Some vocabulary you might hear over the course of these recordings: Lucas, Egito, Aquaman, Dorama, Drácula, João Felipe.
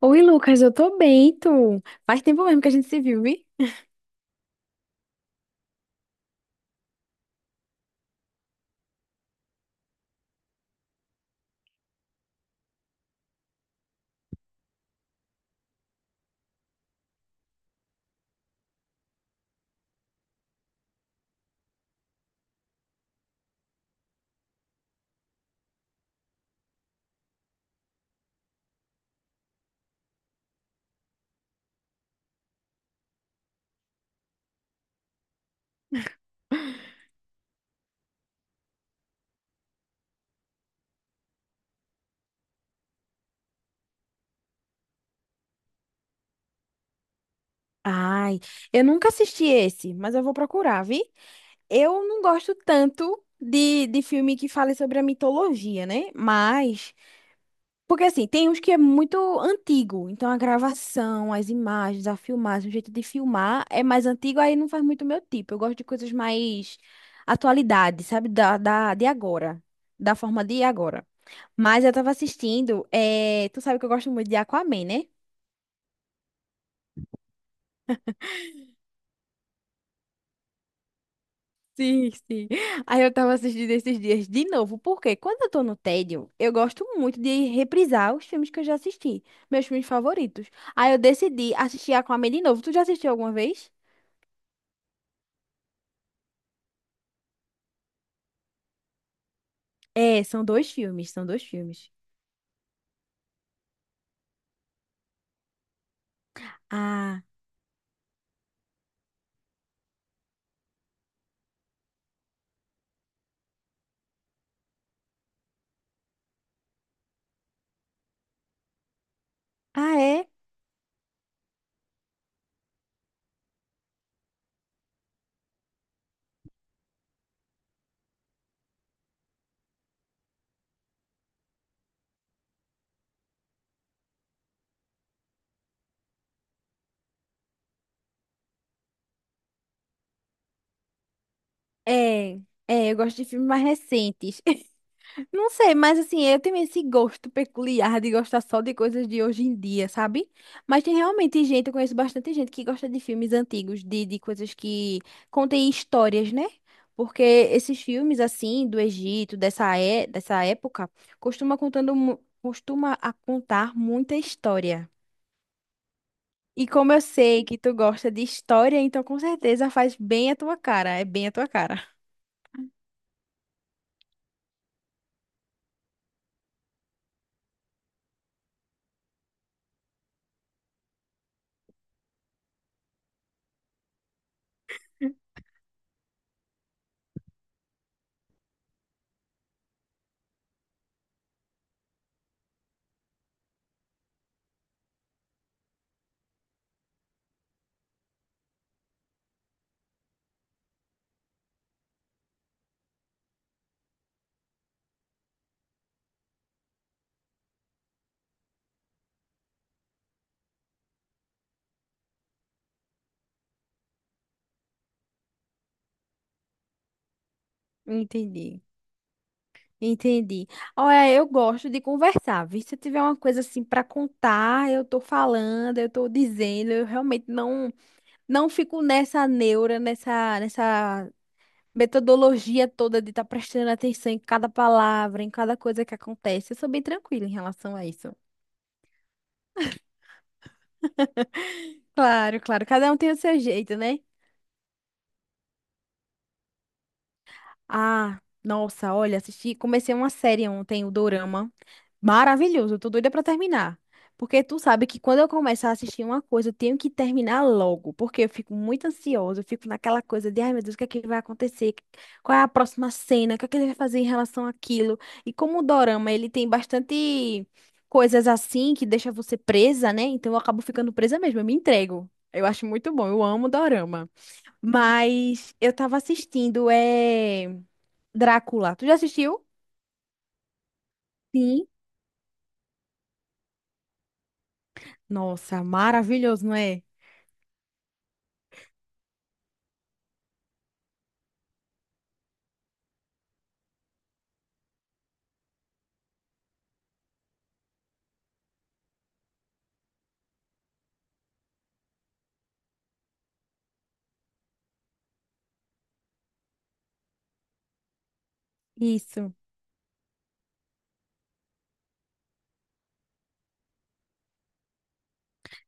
Oi, Lucas, eu tô bem, e tu? Faz tempo mesmo que a gente se viu, vi? Ai, eu nunca assisti esse, mas eu vou procurar, vi? Eu não gosto tanto de filme que fale sobre a mitologia, né? Mas, porque assim, tem uns que é muito antigo, então a gravação, as imagens, a filmagem, o jeito de filmar é mais antigo, aí não faz muito meu tipo. Eu gosto de coisas mais atualidade, sabe? De agora, da forma de agora. Mas eu tava assistindo, tu sabe que eu gosto muito de Aquaman, né? Sim, sim. Aí eu tava assistindo esses dias de novo, porque quando eu tô no tédio, eu gosto muito de reprisar os filmes que eu já assisti, meus filmes favoritos. Aí eu decidi assistir Aquaman de novo. Tu já assistiu alguma vez? É, são dois filmes, são dois filmes. Ah, ah é? É, é, eu gosto de filmes mais recentes. Não sei, mas assim, eu tenho esse gosto peculiar de gostar só de coisas de hoje em dia, sabe? Mas tem realmente gente, eu conheço bastante gente que gosta de filmes antigos, de coisas que contêm histórias, né? Porque esses filmes, assim, do Egito, dessa, é, dessa época, costuma a contar muita história. E como eu sei que tu gosta de história, então com certeza faz bem a tua cara, é bem a tua cara. Entendi. Entendi. Olha, eu gosto de conversar, viu? Se eu tiver uma coisa assim para contar, eu tô falando, eu tô dizendo, eu realmente não fico nessa neura, nessa metodologia toda de estar prestando atenção em cada palavra, em cada coisa que acontece. Eu sou bem tranquila em relação a isso. Claro, claro, cada um tem o seu jeito, né? Ah, nossa, olha, assisti, comecei uma série ontem, o Dorama. Maravilhoso, eu tô doida pra terminar. Porque tu sabe que quando eu começar a assistir uma coisa, eu tenho que terminar logo, porque eu fico muito ansiosa, eu fico naquela coisa de, ai meu Deus, o que é que vai acontecer? Qual é a próxima cena? O que é que ele vai fazer em relação àquilo? E como o dorama, ele tem bastante coisas assim que deixa você presa, né? Então eu acabo ficando presa mesmo, eu me entrego. Eu acho muito bom, eu amo dorama. Mas eu tava assistindo, Drácula. Tu já assistiu? Sim. Nossa, maravilhoso, não é? Isso.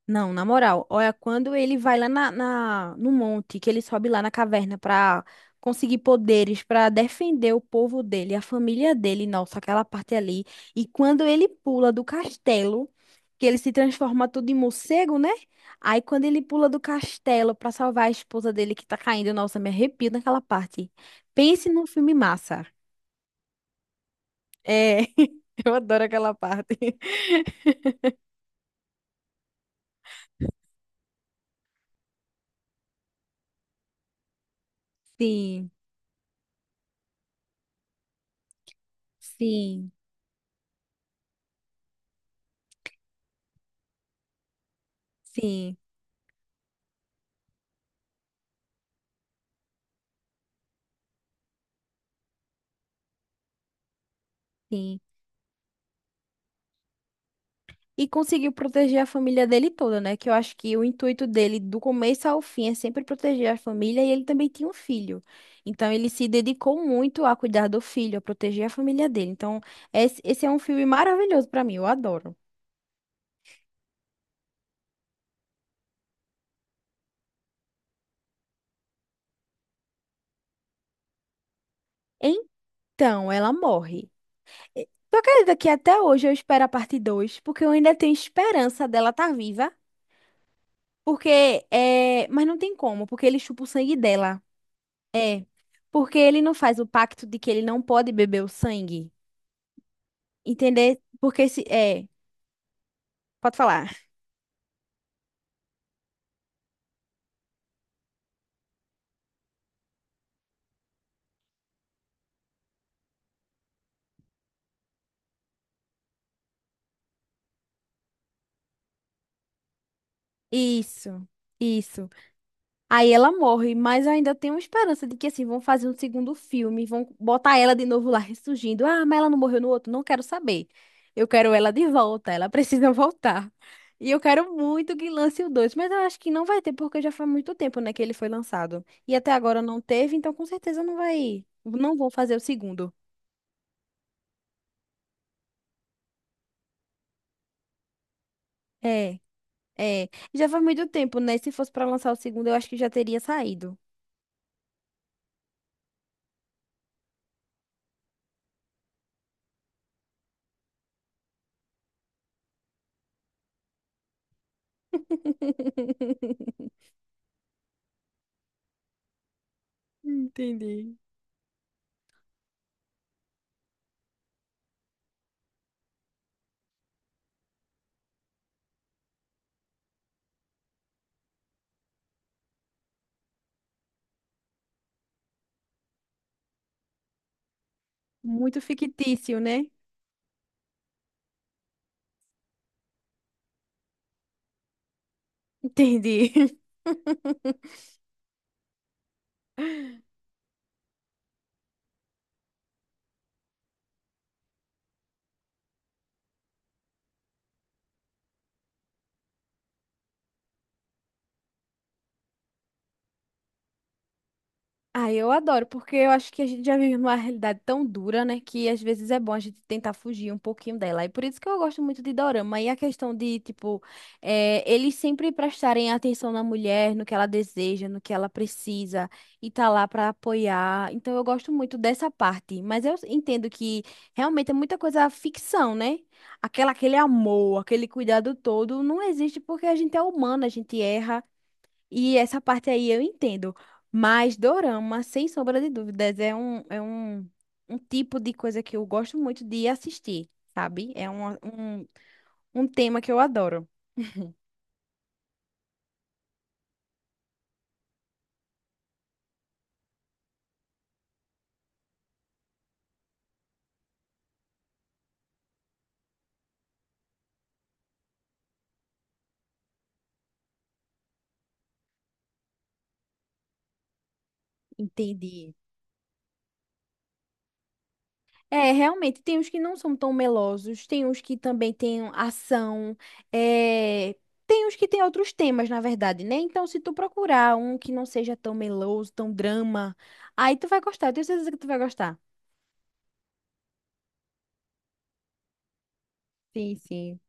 Não, na moral, olha, quando ele vai lá no monte, que ele sobe lá na caverna pra conseguir poderes, pra defender o povo dele, a família dele, nossa, aquela parte ali. E quando ele pula do castelo, que ele se transforma tudo em morcego, né? Aí quando ele pula do castelo pra salvar a esposa dele que tá caindo, nossa, me arrepio naquela parte. Pense num filme massa. É, eu adoro aquela parte. Sim, sim, sim, sim. E conseguiu proteger a família dele toda, né? Que eu acho que o intuito dele, do começo ao fim, é sempre proteger a família e ele também tinha um filho. Então ele se dedicou muito a cuidar do filho, a proteger a família dele. Então, esse é um filme maravilhoso pra mim, eu adoro. Então, ela morre. Tu acredita que até hoje eu espero a parte 2, porque eu ainda tenho esperança dela estar viva? Porque é. Mas não tem como, porque ele chupa o sangue dela. Porque ele não faz o pacto de que ele não pode beber o sangue. Entender? Porque se. É, pode falar. Isso, isso. Aí ela morre, mas eu ainda tenho esperança de que, assim, vão fazer um segundo filme, vão botar ela de novo lá ressurgindo. Ah, mas ela não morreu no outro? Não quero saber. Eu quero ela de volta, ela precisa voltar. E eu quero muito que lance o 2, mas eu acho que não vai ter, porque já faz muito tempo, né, que ele foi lançado. E até agora não teve, então com certeza não vai. Não vão fazer o segundo. É, é. Já faz muito tempo, né? Se fosse pra lançar o segundo, eu acho que já teria saído. Entendi. Muito fictício, né? Entendi. Ah, eu adoro, porque eu acho que a gente já vive numa realidade tão dura, né, que às vezes é bom a gente tentar fugir um pouquinho dela. E por isso que eu gosto muito de Dorama. E a questão de, tipo, eles sempre prestarem atenção na mulher, no que ela deseja, no que ela precisa, e tá lá pra apoiar. Então eu gosto muito dessa parte. Mas eu entendo que realmente é muita coisa ficção, né? Aquela, aquele amor, aquele cuidado todo não existe porque a gente é humana, a gente erra. E essa parte aí eu entendo. Mas dorama, sem sombra de dúvidas, um tipo de coisa que eu gosto muito de assistir, sabe? Um, um tema que eu adoro. Entendi. É, realmente, tem uns que não são tão melosos, tem uns que também têm ação, é, tem uns que têm outros temas, na verdade, né? Então, se tu procurar um que não seja tão meloso, tão drama, aí tu vai gostar, eu tenho certeza que tu vai gostar. Sim, sim.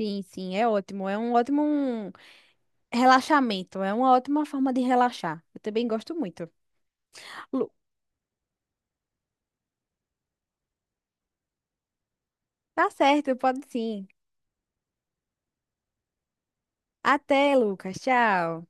Sim, sim, é ótimo. Relaxamento é uma ótima forma de relaxar. Eu também gosto muito. Lu- Tá certo, pode sim. Até, Lucas. Tchau.